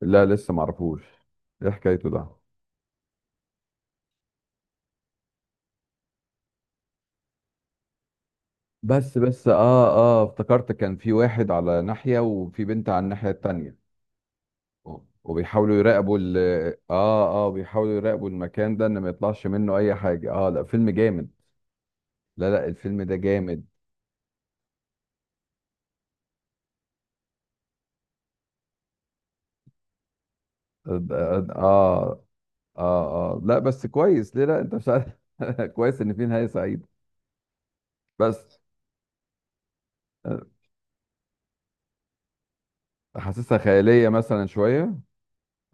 لا لسه معرفوش. ايه حكايته ده؟ بس افتكرت كان في واحد على ناحية وفي بنت على الناحية التانية. و- وبيحاولوا يراقبوا ال اه اه بيحاولوا يراقبوا المكان ده ان ما يطلعش منه اي حاجة. اه لا، فيلم جامد. لا الفيلم ده جامد. اه اه لا بس كويس، ليه؟ لا انت مش عارف. كويس ان في نهاية سعيدة، بس آه، حاسسها خيالية مثلا شوية.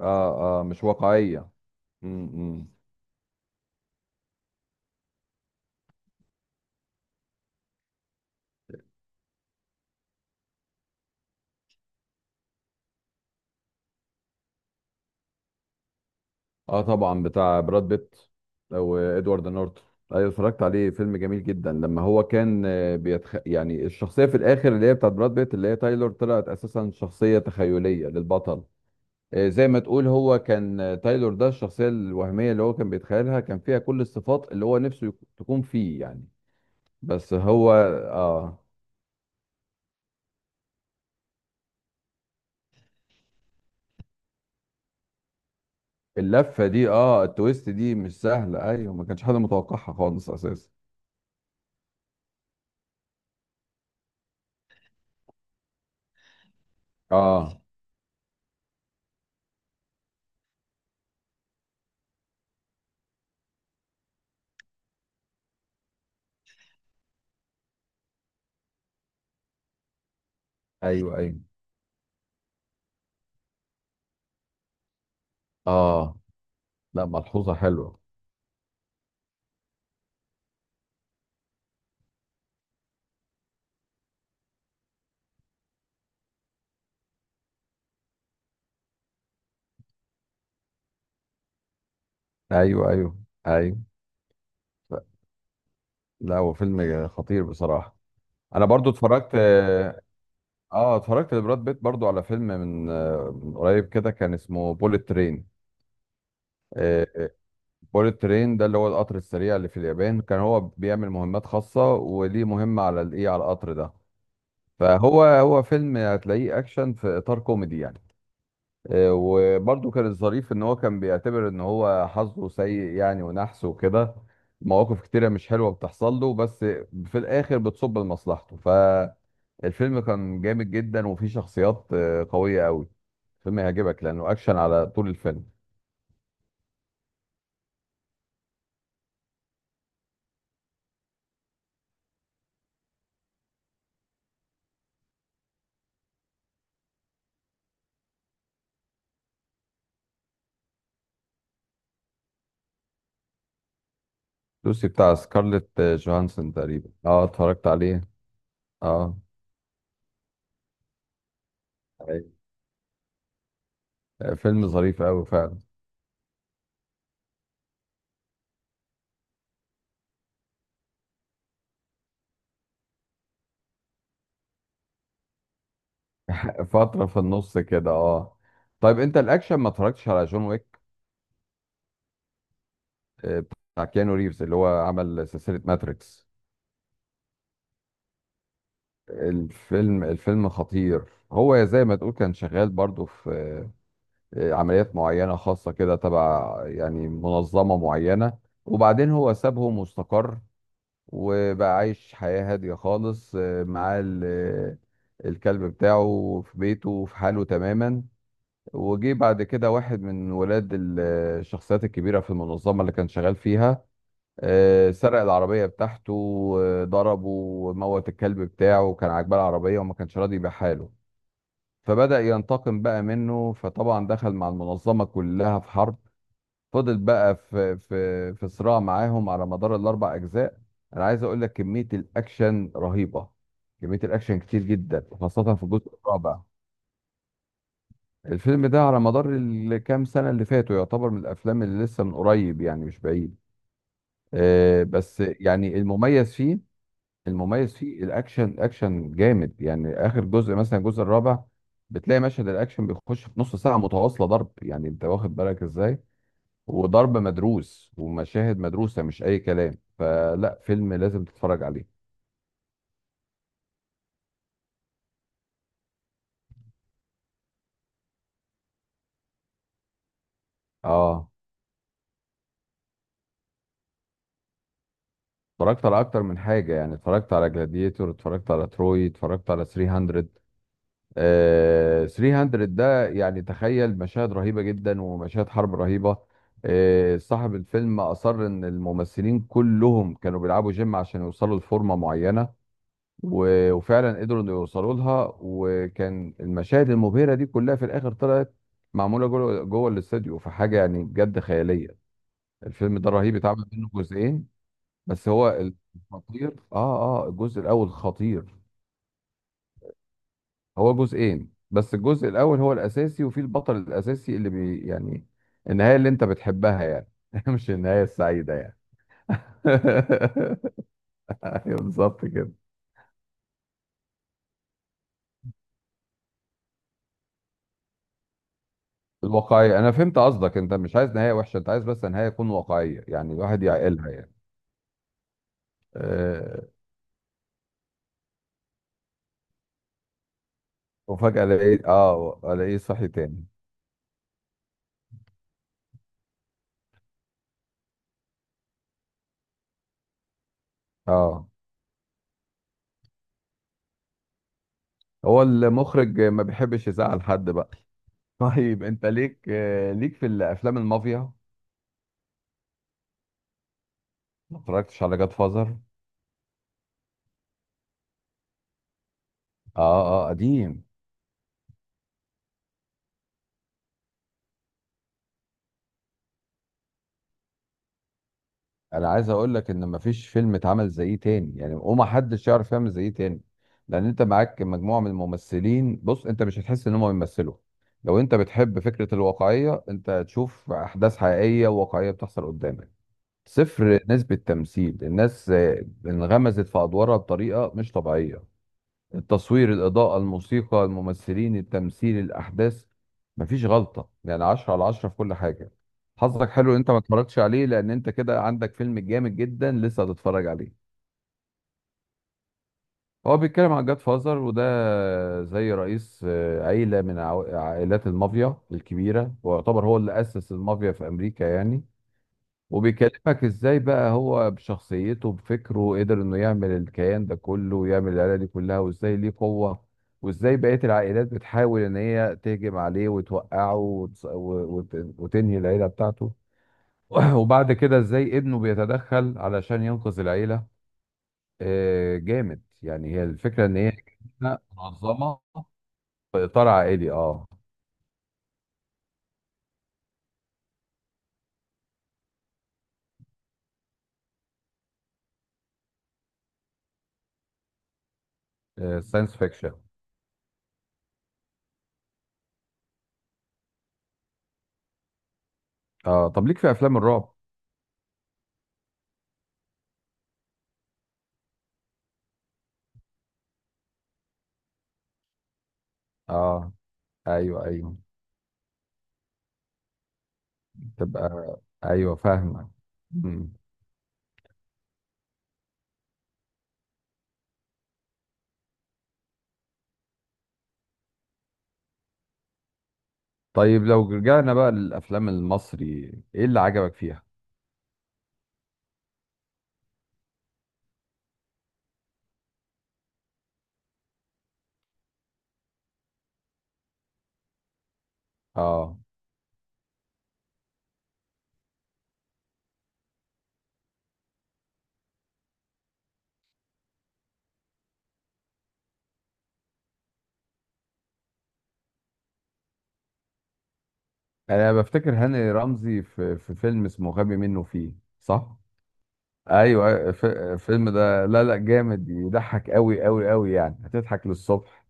اه مش واقعية. م- م. اه طبعا، بتاع براد بيت او ادوارد نورتون. ايوه اتفرجت عليه، فيلم جميل جدا. لما هو كان يعني الشخصيه في الاخر اللي هي بتاعت براد بيت، اللي هي تايلور، طلعت اساسا شخصيه تخيليه للبطل. زي ما تقول، هو كان تايلور ده الشخصيه الوهميه اللي هو كان بيتخيلها، كان فيها كل الصفات اللي هو نفسه تكون فيه يعني. بس هو اه اللفه دي، اه التويست دي مش سهله. ايوه، ما كانش حد متوقعها خالص اساسا. اه ايوه ايوه اه. لا، ملحوظه حلوه. ايوه ايوه ايوه. لا، هو فيلم خطير بصراحه. انا برضو اتفرجت. اه اتفرجت لبراد بيت برضو على فيلم من من قريب كده، كان اسمه بوليت ترين. بوليت ترين ده اللي هو القطر السريع اللي في اليابان. كان هو بيعمل مهمات خاصه، وليه مهمه على الايه، على القطر ده. فهو فيلم هتلاقيه اكشن في اطار كوميدي يعني. وبرضه كان الظريف ان هو كان بيعتبر ان هو حظه سيء يعني، ونحس وكده. مواقف كتيرة مش حلوة بتحصل له، بس في الاخر بتصب لمصلحته. فالفيلم كان جامد جدا، وفيه شخصيات قوية قوي. الفيلم هيعجبك لانه اكشن على طول الفيلم. لوسي بتاع سكارليت جوهانسون تقريبا، اه اتفرجت عليه. اه أيوة. فيلم ظريف قوي فعلا. فترة في النص كده اه. طيب انت الاكشن، ما اتفرجتش على جون ويك؟ آه، بتاع كيانو ريفز اللي هو عمل سلسلة ماتريكس. الفيلم خطير. هو زي ما تقول كان شغال برضو في عمليات معينة خاصة كده، تبع يعني منظمة معينة. وبعدين هو سابهم واستقر، وبقى عايش حياة هادية خالص، معاه الكلب بتاعه في بيته وفي حاله تماما. وجي بعد كده واحد من ولاد الشخصيات الكبيرة في المنظمة اللي كان شغال فيها. سرق العربية بتاعته، ضربه وموت الكلب بتاعه. كان عاجباه العربية وما كانش راضي يبيعها له، فبدأ ينتقم بقى منه. فطبعا دخل مع المنظمة كلها في حرب. فضل بقى في صراع معاهم على مدار الأربع أجزاء. أنا عايز أقول لك كمية الأكشن رهيبة. كمية الأكشن كتير جدا، وخاصة في الجزء الرابع. الفيلم ده على مدار الكام سنة اللي فاتوا يعتبر من الأفلام اللي لسه من قريب يعني، مش بعيد. بس يعني المميز فيه، المميز فيه الاكشن. الاكشن جامد يعني. اخر جزء مثلا الجزء الرابع بتلاقي مشهد الاكشن بيخش في نص ساعه متواصله ضرب، يعني انت واخد بالك ازاي. وضرب مدروس، ومشاهد مدروسه، مش اي كلام. فلا، فيلم لازم تتفرج عليه. اه اتفرجت على اكتر من حاجه يعني. اتفرجت على جلاديتور، اتفرجت على تروي، اتفرجت على 300. 300 ده يعني تخيل مشاهد رهيبة جدا ومشاهد حرب رهيبة. صاحب الفيلم أصر إن الممثلين كلهم كانوا بيلعبوا جيم عشان يوصلوا لفورمة معينة. وفعلا قدروا إنه يوصلوا لها. وكان المشاهد المبهرة دي كلها في الآخر طلعت معمولة جوه الاستوديو، فحاجة يعني بجد خيالية. الفيلم ده رهيب، اتعمل منه جزئين. بس هو الخطير، اه الجزء الأول خطير. هو جزئين بس، الجزء الاول هو الاساسي، وفي البطل الاساسي اللي بي يعني النهايه اللي انت بتحبها يعني. مش النهايه السعيده يعني. ايوه بالظبط كده. الواقعيه، انا فهمت قصدك، انت مش عايز نهايه وحشه، انت عايز بس نهايه تكون واقعيه يعني، الواحد يعقلها يعني. أه. وفجاه الاقيه، اه الاقيه صحي تاني. اه هو المخرج ما بيحبش يزعل حد بقى. طيب انت ليك ليك في الافلام المافيا؟ ما اتفرجتش على جاد فازر؟ اه اه قديم. انا عايز اقول لك ان مفيش فيلم اتعمل زيه تاني يعني، وما حدش يعرف يعمل زيه تاني. لان انت معاك مجموعه من الممثلين، بص انت مش هتحس ان هم بيمثلوا. لو انت بتحب فكره الواقعيه، انت هتشوف احداث حقيقيه وواقعيه بتحصل قدامك. صفر نسبه تمثيل. الناس انغمزت في ادوارها بطريقه مش طبيعيه. التصوير، الإضاءة، الموسيقى، الممثلين، التمثيل، الأحداث، مفيش غلطة يعني. 10 على 10 في كل حاجة. حظك حلو إن أنت ما اتفرجتش عليه، لأن أنت كده عندك فيلم جامد جدا لسه هتتفرج عليه. هو بيتكلم عن جاد فازر، وده زي رئيس عيلة من عائلات المافيا الكبيرة، ويعتبر هو اللي أسس المافيا في أمريكا يعني. وبيكلمك ازاي بقى هو بشخصيته بفكره قدر انه يعمل الكيان ده كله، ويعمل العيله دي كلها، وازاي ليه قوه، وازاي بقيه العائلات بتحاول ان هي تهجم عليه وتوقعه وتنهي العيله بتاعته. وبعد كده ازاي ابنه بيتدخل علشان ينقذ العيله. جامد يعني. هي الفكره ان هي كده منظمه في اطار عائلي. اه ساينس فيكشن. اه طب ليك في افلام الرعب؟ اه ايوه ايوه تبقى ايوه، فاهمك. مم. طيب لو رجعنا بقى للافلام المصري، ايه اللي عجبك فيها؟ اه انا بفتكر هاني رمزي في فيلم اسمه غبي منه فيه، صح؟ ايوه أيوة، الفيلم ده لا جامد، يضحك قوي قوي قوي يعني، هتضحك للصبح.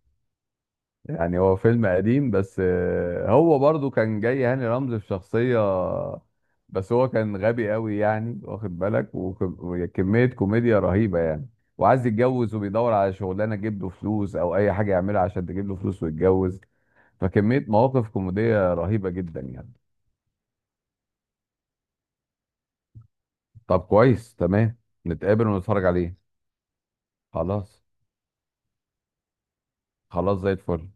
يعني هو فيلم قديم بس، هو برضو كان جاي هاني رمزي في شخصية بس هو كان غبي قوي يعني، واخد بالك، وكمية كوميديا رهيبة يعني. وعايز يتجوز وبيدور على شغلانة تجيب له فلوس، أو أي حاجة يعملها عشان تجيب له فلوس ويتجوز. فكمية مواقف كوميدية رهيبة جدا يعني. طب كويس تمام، نتقابل ونتفرج عليه. خلاص، خلاص زي الفل.